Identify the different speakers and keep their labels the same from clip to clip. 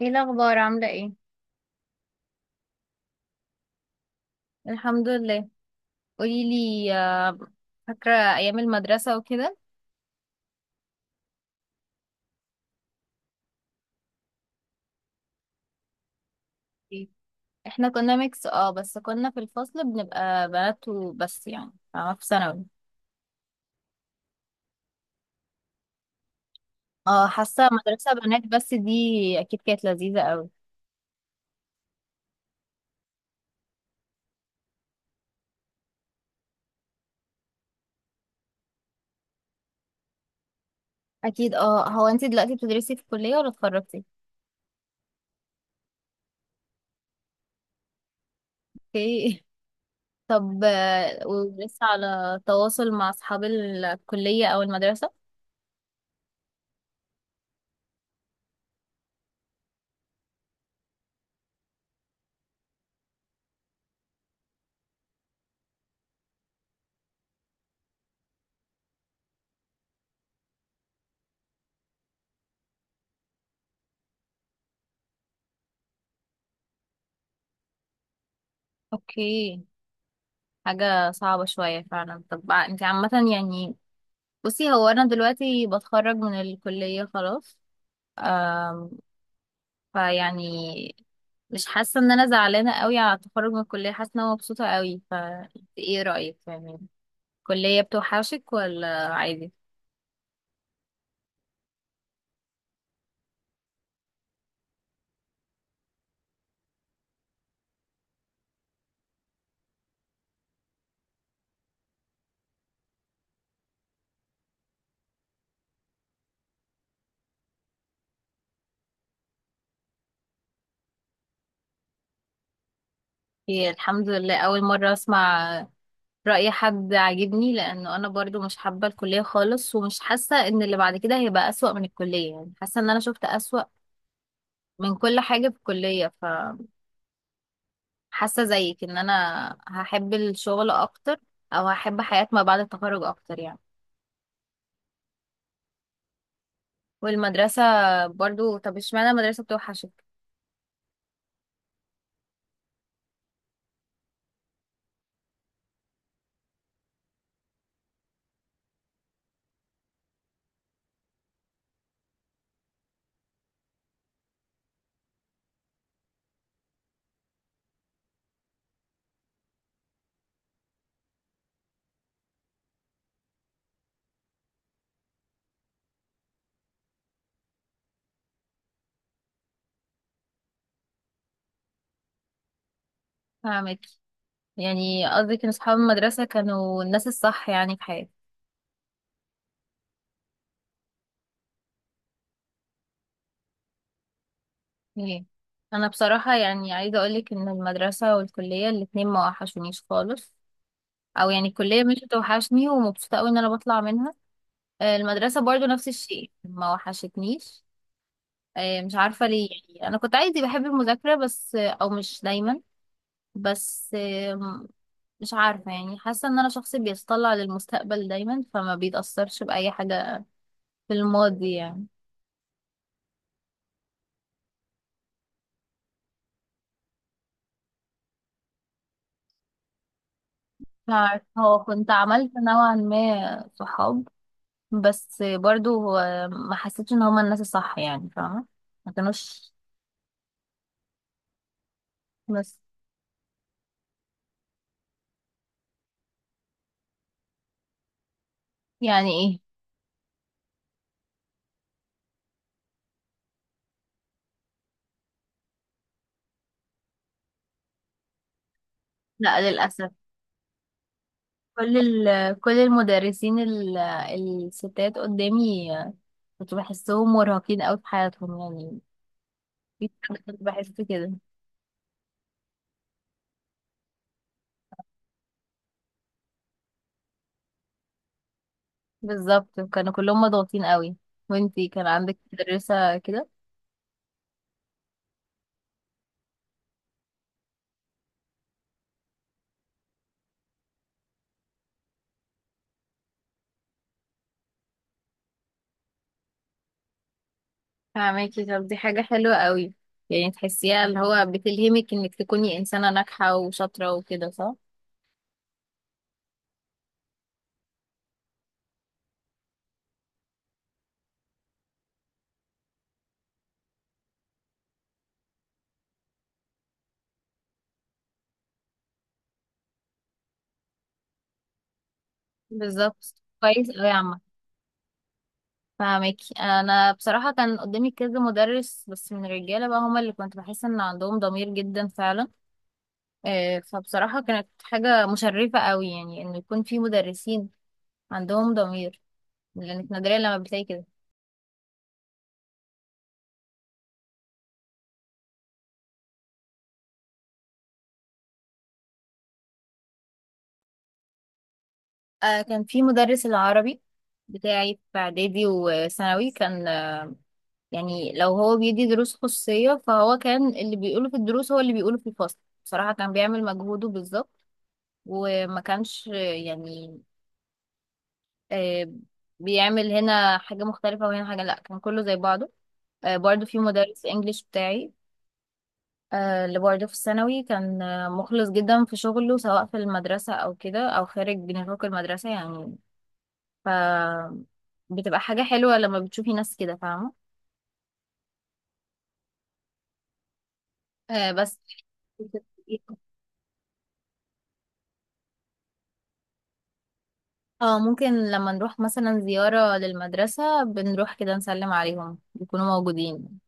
Speaker 1: ايه الاخبار عامله ايه؟ الحمد لله. قولي لي، فاكرة أيام المدرسة وكده؟ إيه؟ احنا كنا ميكس اه بس كنا في الفصل بنبقى بنات وبس، يعني فاهمة، في ثانوي. اه حاسة مدرسة بنات بس دي. أكيد كانت لذيذة أوي. أكيد اه. هو انتي دلوقتي بتدرسي في الكلية ولا اتخرجتي؟ اوكي. طب ولسه على تواصل مع أصحاب الكلية أو المدرسة؟ اوكي. حاجة صعبة شوية فعلا. طب انتي عامة يعني، بصي هو انا دلوقتي بتخرج من الكلية خلاص. آم، فيعني مش حاسة ان انا زعلانة قوي على التخرج من الكلية، حاسة ان انا مبسوطة قوي. ف ايه رأيك يعني، الكلية بتوحشك ولا عادي؟ هي الحمد لله اول مرة اسمع رأي حد عاجبني، لانه انا برضو مش حابة الكلية خالص، ومش حاسة ان اللي بعد كده هيبقى اسوأ من الكلية. يعني حاسة ان انا شفت اسوأ من كل حاجة في الكلية. حاسة زيك ان انا هحب الشغل اكتر، او هحب حياة ما بعد التخرج اكتر يعني. والمدرسة برضو، طب اشمعنى المدرسة بتوحشك؟ فاهمك. يعني قصدك ان اصحاب المدرسة كانوا الناس الصح يعني في حياتي. ايه، انا بصراحة يعني عايزة اقولك ان المدرسة والكلية الاتنين ما وحشونيش خالص. او يعني الكلية مش بتوحشني، ومبسوطة اوي ان انا بطلع منها. المدرسة برضو نفس الشيء ما وحشتنيش. مش عارفة ليه. يعني انا كنت عادي بحب المذاكرة بس او مش دايما. بس مش عارفة. يعني حاسة ان انا شخص بيتطلع للمستقبل دايما، فما بيتأثرش بأي حاجة في الماضي يعني. مش عارفة، هو كنت عملت نوعا ما صحاب بس برضو هو ما حسيتش ان هما الناس الصح، يعني فاهمة، ما كانوش بس. يعني ايه، لا للأسف. كل كل المدرسين الستات قدامي، كنت بحسهم مرهقين قوي في حياتهم يعني. في- كنت بحس كده. بالظبط كانوا كلهم مضغوطين قوي. وانتي كان عندك مدرسة كده؟ فاهماكي. طب دي حاجة حلوة قوي، يعني تحسيها اللي هو بتلهمك انك تكوني انسانة ناجحة وشاطرة وكده، صح؟ بالظبط. كويس قوي يا عم. فاهماكي. انا بصراحة كان قدامي كذا مدرس بس من الرجالة بقى، هما اللي كنت بحس ان عندهم ضمير جدا فعلا. فبصراحة كانت حاجة مشرفة قوي يعني، انه يكون في مدرسين عندهم ضمير، لانك نادرا لما بتلاقي كده. آه كان في مدرس العربي بتاعي في إعدادي وثانوي، كان آه، يعني لو هو بيدي دروس خصوصية فهو كان اللي بيقوله في الدروس هو اللي بيقوله في الفصل. بصراحة كان بيعمل مجهوده بالظبط. وما كانش آه بيعمل هنا حاجة مختلفة وهنا حاجة، لأ كان كله زي بعضه. آه برضه في مدرس إنجليش بتاعي، آه اللي برضه في الثانوي، كان مخلص جدا في شغله سواء في المدرسة أو كده أو خارج نطاق المدرسة يعني. ف بتبقى حاجة حلوة لما بتشوفي ناس كده، فاهمة. آه بس. اه ممكن لما نروح مثلا زيارة للمدرسة بنروح كده نسلم عليهم، بيكونوا موجودين.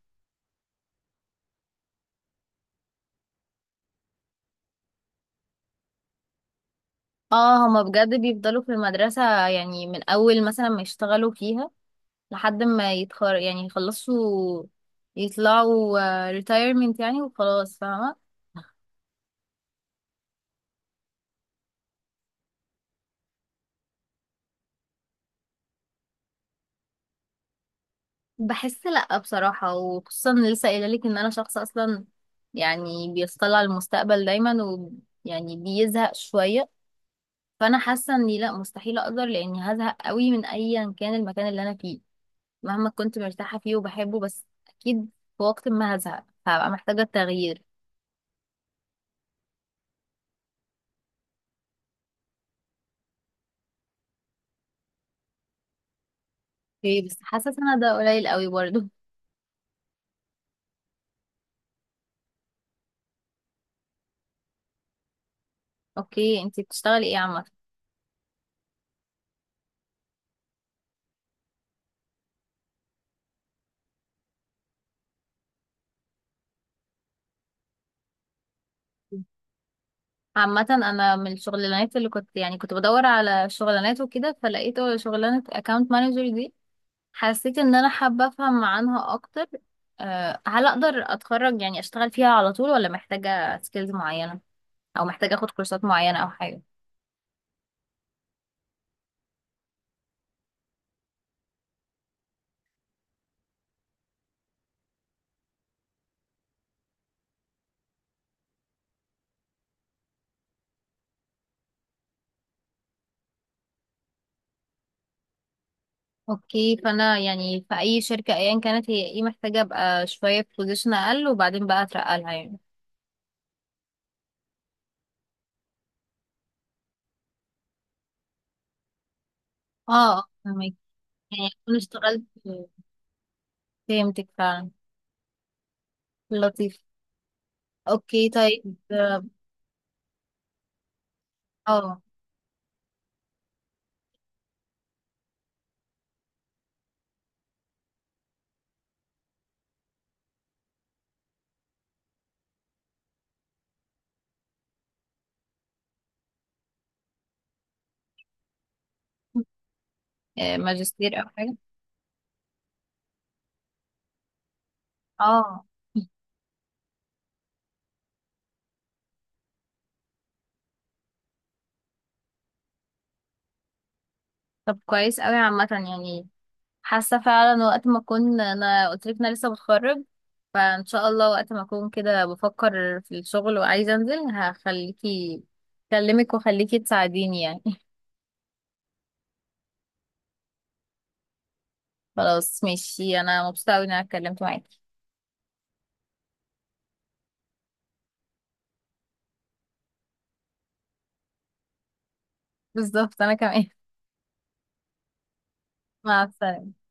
Speaker 1: اه هما بجد بيفضلوا في المدرسة، يعني من أول مثلا ما يشتغلوا فيها لحد ما يتخر، يعني يخلصوا يطلعوا، retirement يعني، وخلاص فاهمة. بحس لأ بصراحة، وخصوصا إن لسه قايلة لك إن أنا شخص أصلا يعني بيطلع المستقبل دايما، ويعني بيزهق شوية. فأنا حاسة إني لأ مستحيل أقدر، لأني هزهق قوي من أيا كان المكان اللي أنا فيه، مهما كنت مرتاحة فيه وبحبه، بس أكيد في وقت ما هزهق، فهبقى محتاجة تغيير. اوكي بس حاسة أنا ده قليل قوي برضه. اوكي، انتي بتشتغلي ايه عامة؟ عامة أنا من الشغلانات اللي كنت يعني كنت بدور على شغلانات وكده، فلقيت شغلانة account manager دي، حسيت ان انا حابة افهم عنها اكتر. أه هل اقدر اتخرج يعني اشتغل فيها على طول، ولا محتاجة سكيلز معينة، او محتاجة اخد كورسات معينة او حاجة؟ اوكي. فانا يعني في اي شركة ايا كانت، هي ايه، محتاجة ابقى شوية في بوزيشن اقل وبعدين بقى اترقى لها يعني. اه، فهمك. يعني اكون اشتغلت. فهمتك فعلا. لطيف. اوكي طيب. اه، ماجستير او حاجة؟ اه. طب كويس قوي عامة يعني. حاسه فعلا وقت ما اكون، انا قلت لك انا لسه بتخرج، فان شاء الله وقت ما اكون كده بفكر في الشغل وعايزه انزل، هخليكي اكلمك واخليكي تساعديني يعني. خلاص ماشي. انا مبسوطه قوي ان انا اتكلمت معاكي. بالظبط انا كمان. مع السلامه.